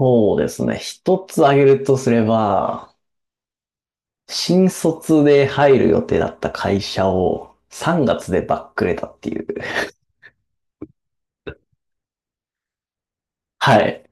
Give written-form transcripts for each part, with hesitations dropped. そうですね。一つ挙げるとすれば、新卒で入る予定だった会社を3月でバックれたっていう。はい。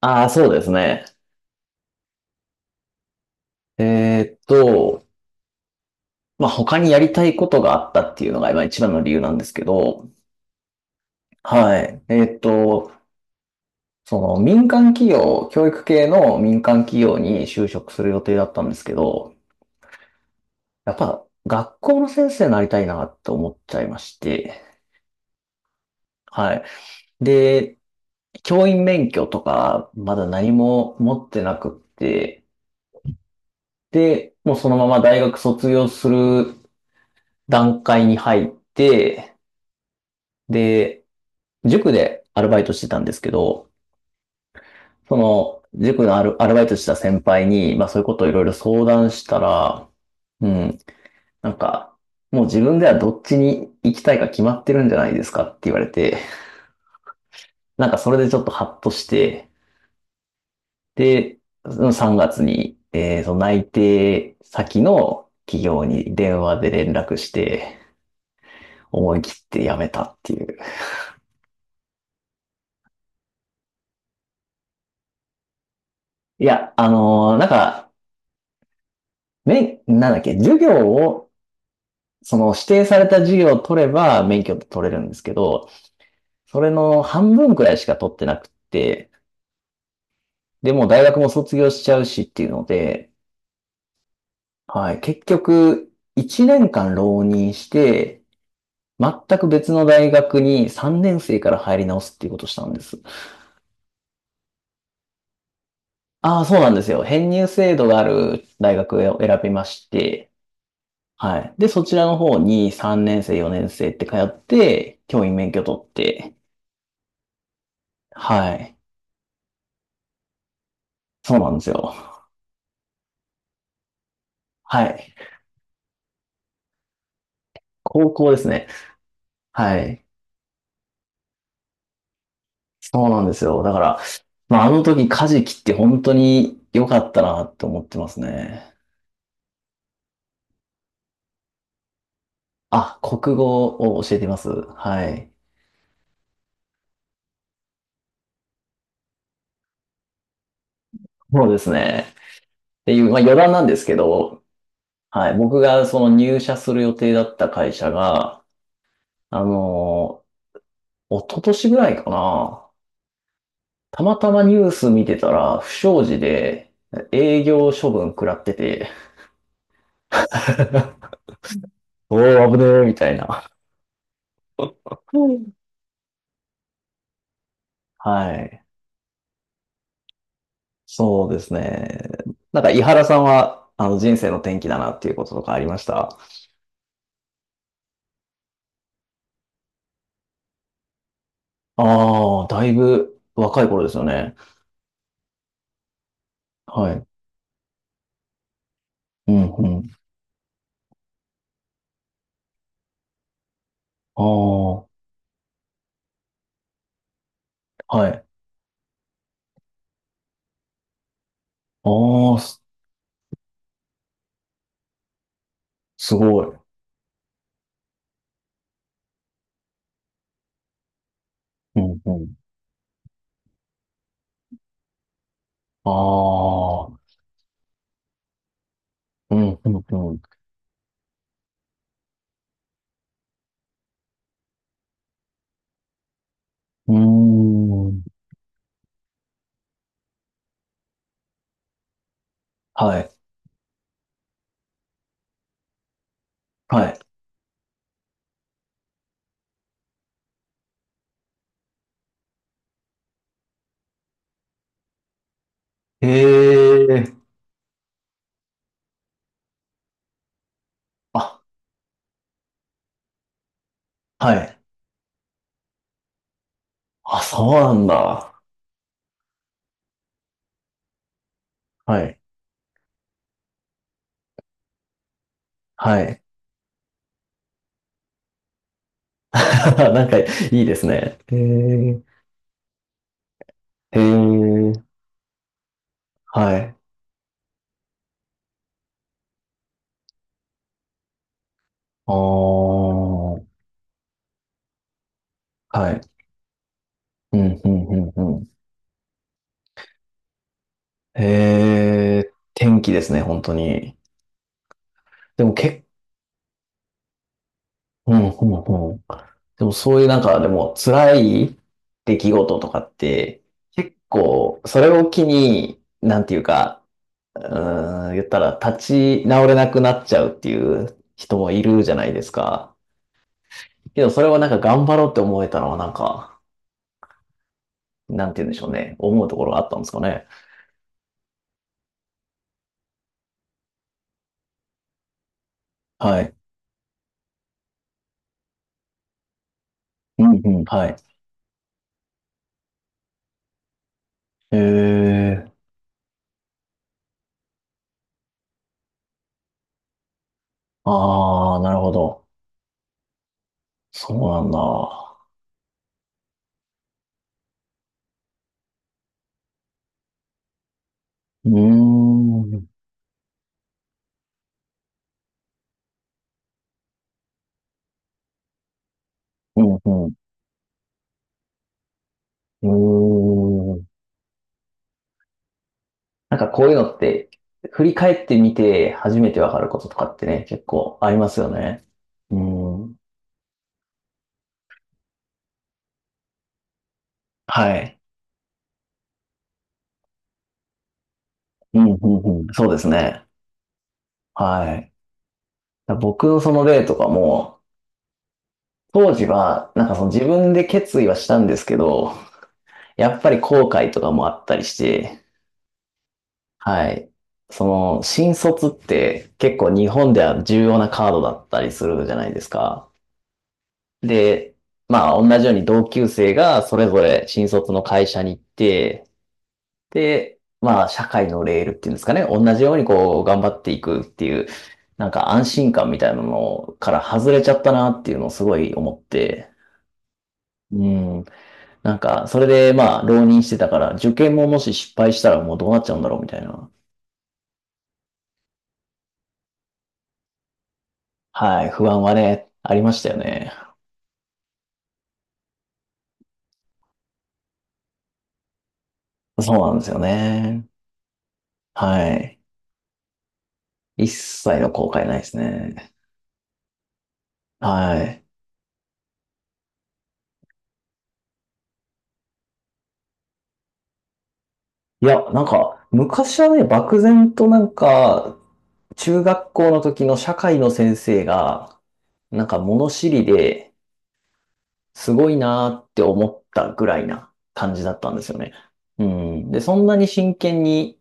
ああ、そうですね。えーっと、まあ、他にやりたいことがあったっていうのが今一番の理由なんですけど、はい。その民間企業、教育系の民間企業に就職する予定だったんですけど、やっぱ学校の先生になりたいなって思っちゃいまして、はい。で、教員免許とか、まだ何も持ってなくって、で、もうそのまま大学卒業する段階に入って、で、塾でアルバイトしてたんですけど、その、塾のアルバイトした先輩に、まあそういうことをいろいろ相談したら、うん、なんか、もう自分ではどっちに行きたいか決まってるんじゃないですかって言われて、なんかそれでちょっとハッとして、で、その3月に、その内定先の企業に電話で連絡して、思い切って辞めたっていう。いや、なんか、なんだっけ、授業を、その指定された授業を取れば免許って取れるんですけど、それの半分くらいしか取ってなくて、でもう大学も卒業しちゃうしっていうので、はい、結局、1年間浪人して、全く別の大学に3年生から入り直すっていうことをしたんです。ああ、そうなんですよ。編入制度がある大学を選びまして、はい。で、そちらの方に3年生、4年生って通って、教員免許取って、はい。そうなんですよ。はい。高校ですね。はい。そうなんですよ。だから、まあ、あの時、カジキって本当に良かったなって思ってますね。あ、国語を教えています。はい。そうですね。っていう、まあ余談なんですけど、はい、僕がその入社する予定だった会社が、あの一昨年ぐらいかな、たまたまニュース見てたら、不祥事で営業処分食らってて、おー、危ねえ、みたいな。うん。はい。そうですね。なんか、井原さんは、人生の転機だなっていうこととかありました？ああ、だいぶ若い頃ですよね。はい。うん、うん。ああ、はい。ああ、すごい。うんうん。ああ、うんうんうん。うーん。はい。はい。へえ。あ、はい。あ、そうなんだ。はい。はい。なんかいいですね。へえ。へえ。はい。ああ、はい。うん、うんうんうん。へえ、天気ですね、本当に。でもけうん、うんん。でもそういうなんか、でも辛い出来事とかって、結構、それを機に、なんていうか、うーん、言ったら立ち直れなくなっちゃうっていう人もいるじゃないですか。けどそれをなんか頑張ろうって思えたのはなんか、なんて言うんでしょうね。思うところがあったんですかね。はい。うんうん、はい。へえ。ああ、なるほど。そうなんだ。うーん。うんうん。うーん。なんかこういうのって、振り返ってみて初めてわかることとかってね、結構ありますよね。うん。はい。うん、うん、うん。そうですね。はい。僕のその例とかも、当時は、なんかその自分で決意はしたんですけど、やっぱり後悔とかもあったりして、はい。その、新卒って結構日本では重要なカードだったりするじゃないですか。で、まあ同じように同級生がそれぞれ新卒の会社に行って、で、まあ、社会のレールっていうんですかね、同じようにこう、頑張っていくっていう、なんか安心感みたいなのから外れちゃったなっていうのをすごい思って、うん、なんか、それでまあ、浪人してたから、受験ももし失敗したらもうどうなっちゃうんだろうみたいな、はい、不安はね、ありましたよね。そうなんですよね。はい。一切の後悔ないですね。はい。いや、なんか、昔はね、漠然となんか、中学校の時の社会の先生が、なんか物知りですごいなーって思ったぐらいな感じだったんですよね。うん。で、そんなに真剣に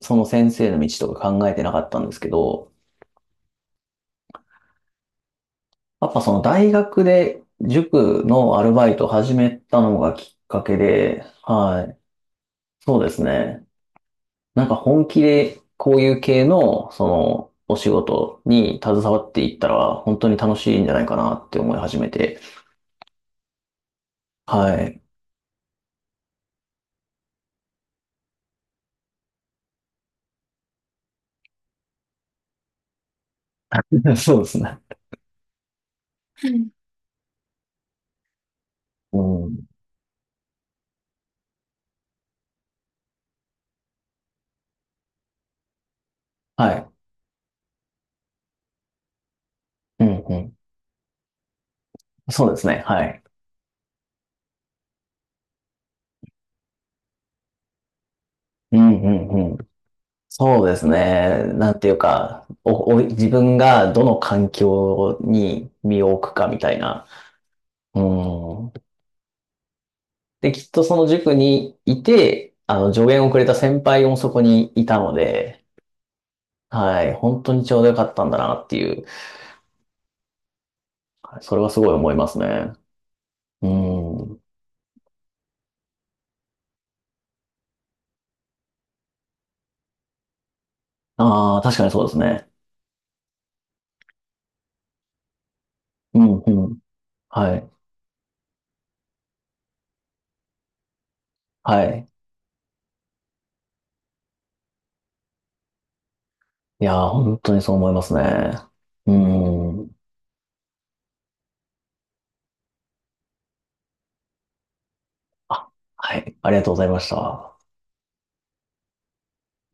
その先生の道とか考えてなかったんですけど、やっぱその大学で塾のアルバイトを始めたのがきっかけで、はい。そうですね。なんか本気でこういう系のそのお仕事に携わっていったら本当に楽しいんじゃないかなって思い始めて、はい。そうですね。はい。うん。はい。うんうん。そうですね。はい。うんうんうん。そうですね。なんていうか、お、お、自分がどの環境に身を置くかみたいな。うん。で、きっとその塾にいて、助言をくれた先輩もそこにいたので、はい。本当にちょうどよかったんだなっていう、それはすごい思いますね。うん。ああ、確かにそうですね。うんうん。はい。はい。いやー、本当にそう思いますね。うん。あ、はい。ありがとうございました。